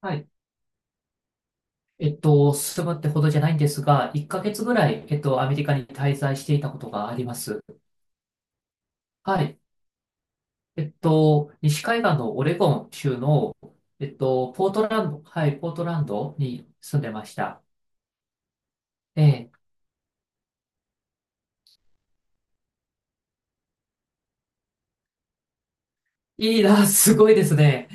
はい。住むってほどじゃないんですが、1ヶ月ぐらい、アメリカに滞在していたことがあります。はい。西海岸のオレゴン州の、ポートランド、はい、ポートランドに住んでました。ええ。いいな、すごいですね。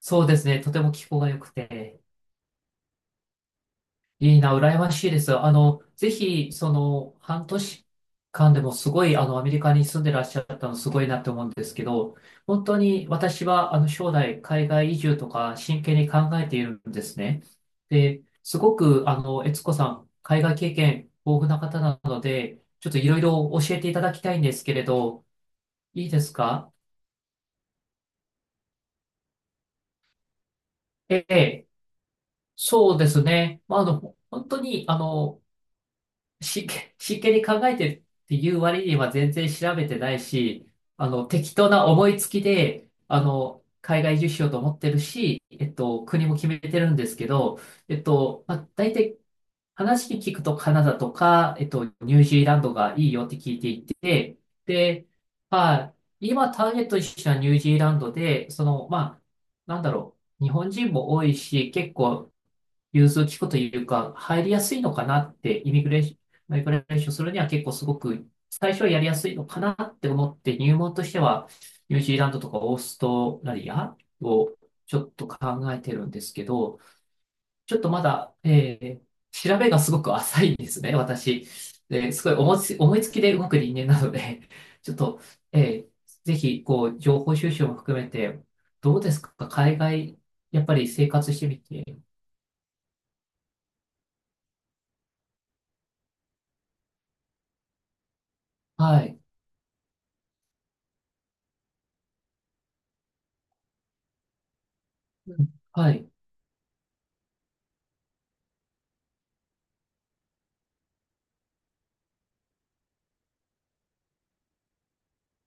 そうですね。とても気候が良くて。いいな、羨ましいです。ぜひ、半年間でもすごい、アメリカに住んでらっしゃったのすごいなって思うんですけど、本当に私は、将来、海外移住とか、真剣に考えているんですね。で、すごく、悦子さん、海外経験豊富な方なので、ちょっといろいろ教えていただきたいんですけれど、いいですか？ええ、そうですね。まあ、本当に、真剣に考えてるっていう割には全然調べてないし、適当な思いつきで、海外移住しようと思ってるし、国も決めてるんですけど、まあ、大体話聞くとカナダとか、ニュージーランドがいいよって聞いていて、で、まあ、今ターゲットにしたニュージーランドで、その、まあ、なんだろう、日本人も多いし、結構融通きくというか、入りやすいのかなって、イミグレーション、マイグレーションするには結構すごく、最初はやりやすいのかなって思って、入門としては、ニュージーランドとかオーストラリアをちょっと考えてるんですけど、ちょっとまだ、調べがすごく浅いんですね、私。で、すごい思いつきで動く人間なので、ちょっと、えーぜひ、こう、情報収集も含めて、どうですか、海外、やっぱり生活してみて、はい。うん、はい。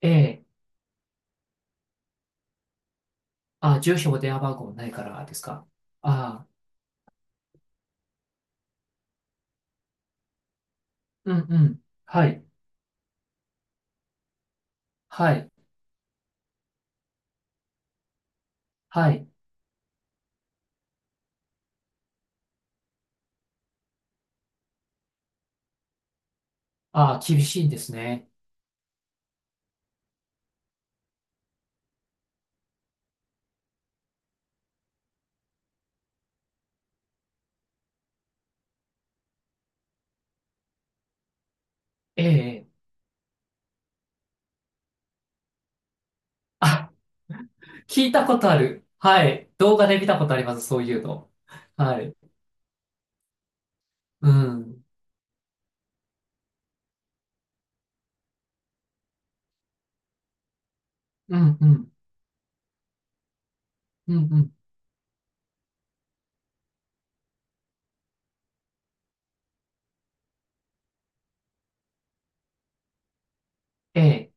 ええ。あ、住所も電話番号もないからですか。ああ、うんうん。はい。はい。はい。ああ、厳しいんですね。ええ。あ、聞いたことある。はい。動画で見たことあります。そういうの。はい。うん。うんうん。うんうん。ええ。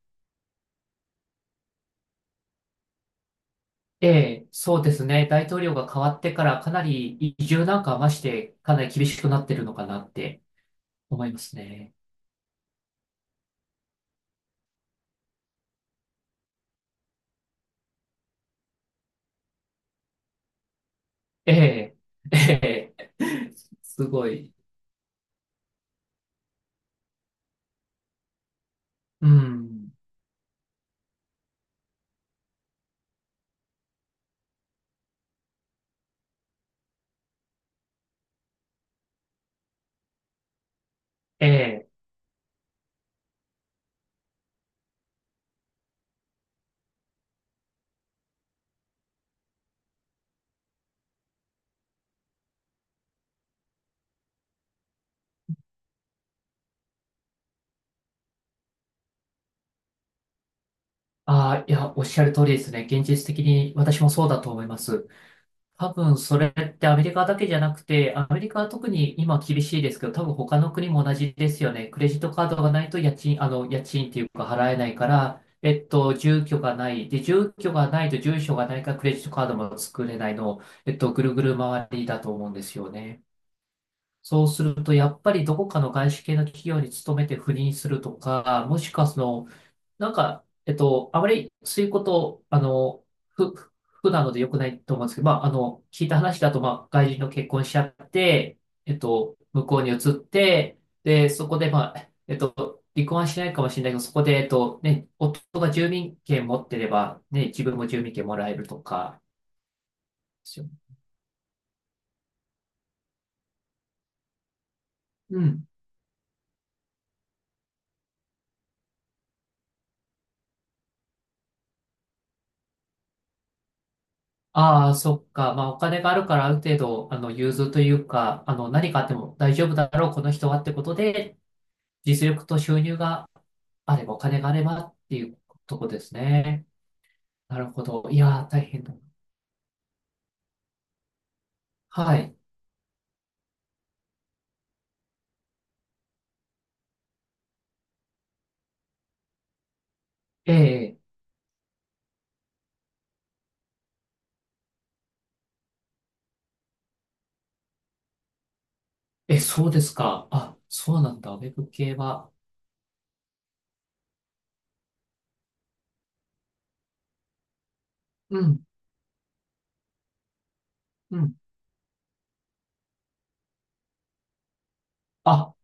ええ。そうですね。大統領が変わってからかなり移住なんかはまして、かなり厳しくなってるのかなって思いますね。ええ。ええ。すごい。うん。ええ。ああ、いや、おっしゃる通りですね。現実的に私もそうだと思います。多分それってアメリカだけじゃなくて、アメリカは特に今厳しいですけど、多分他の国も同じですよね。クレジットカードがないと家賃、家賃っていうか払えないから、住居がない。で、住居がないと住所がないからクレジットカードも作れないの、ぐるぐる回りだと思うんですよね。そうすると、やっぱりどこかの外資系の企業に勤めて赴任するとか、もしくはその、なんか、あまりそういうこと、ふ、ふ不なので良くないと思うんですけど、まあ、聞いた話だと、まあ、外人の結婚しちゃって、向こうに移って、で、そこで、まあ、離婚はしないかもしれないけど、そこで、ね、夫が住民権持ってれば、ね、自分も住民権もらえるとか、ですよね。うん。ああ、そっか。まあ、お金があるから、ある程度、融通というか、何かあっても大丈夫だろう、この人はってことで、実力と収入があれば、お金があればっていうとこですね。なるほど。いやー、大変だ。はい。ええ、え、そうですか。あ、そうなんだ。ウェブ系は。うん、うん。あ、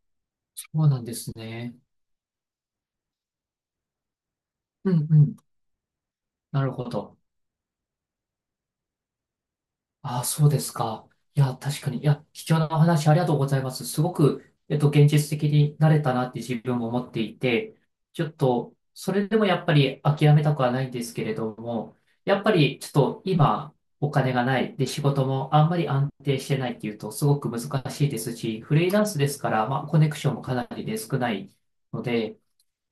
そうなんですね。うん、うん。なるほど。ああ、そうですか。いや、確かに。いや、貴重なお話ありがとうございます。すごく、現実的になれたなって自分も思っていて、ちょっと、それでもやっぱり諦めたくはないんですけれども、やっぱりちょっと今、お金がない。で、仕事もあんまり安定してないっていうと、すごく難しいですし、フリーランスですから、まあ、コネクションもかなりで少ないので、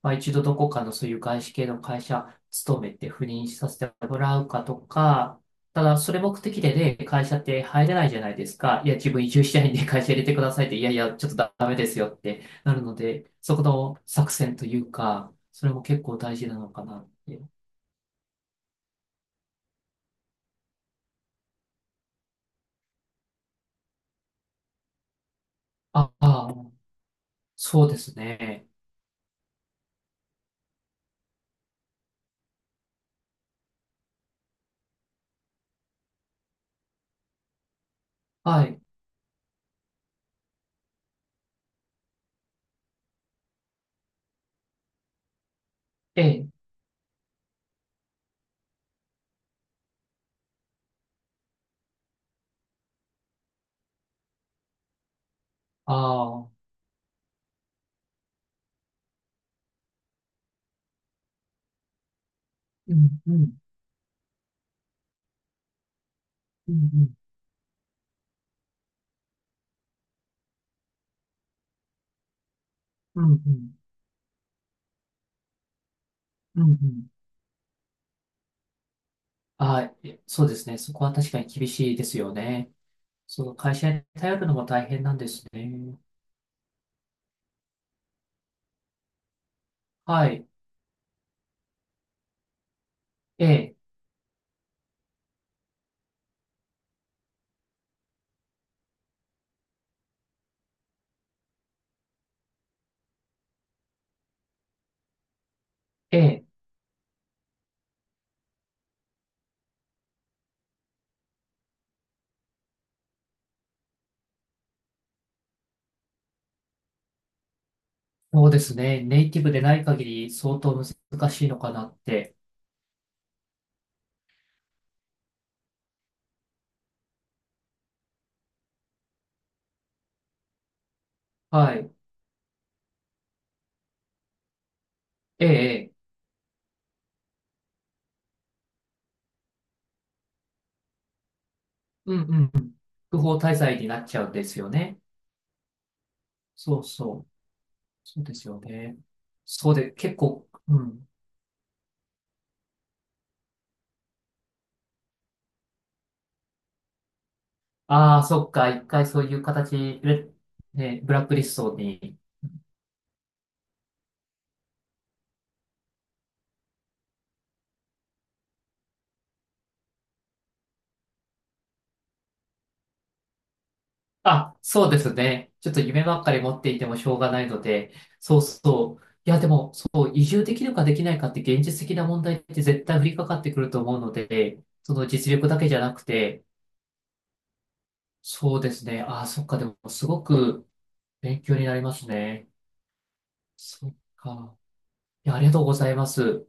まあ、一度どこかのそういう外資系の会社勤めて赴任させてもらうかとか、ただそれ目的でね、会社って入れないじゃないですか。いや、自分移住したいんで会社入れてくださいって、いやいや、ちょっとダメですよってなるので、そこの作戦というか、それも結構大事なのかなって。ああ、そうですね。はい。ええ、ああ、うん、うん、うん、うん、うん、うん、うん。うん、はい。そうですね。そこは確かに厳しいですよね。その会社に頼るのも大変なんですね。はい。ええ、ええ、そうですね。ネイティブでない限り相当難しいのかなって。はい。ええ、ええ、うんうんうん。不法滞在になっちゃうんですよね。そうそう。そうですよね。そうで、結構、うん。ああ、そっか。一回そういう形で、ね、ブラックリストに、あ、そうですね。ちょっと夢ばっかり持っていてもしょうがないので、そうそう。いや、でも、そう、移住できるかできないかって現実的な問題って絶対降りかかってくると思うので、その実力だけじゃなくて、そうですね。あ、そっか。でも、すごく勉強になりますね。そっか。いや、ありがとうございます。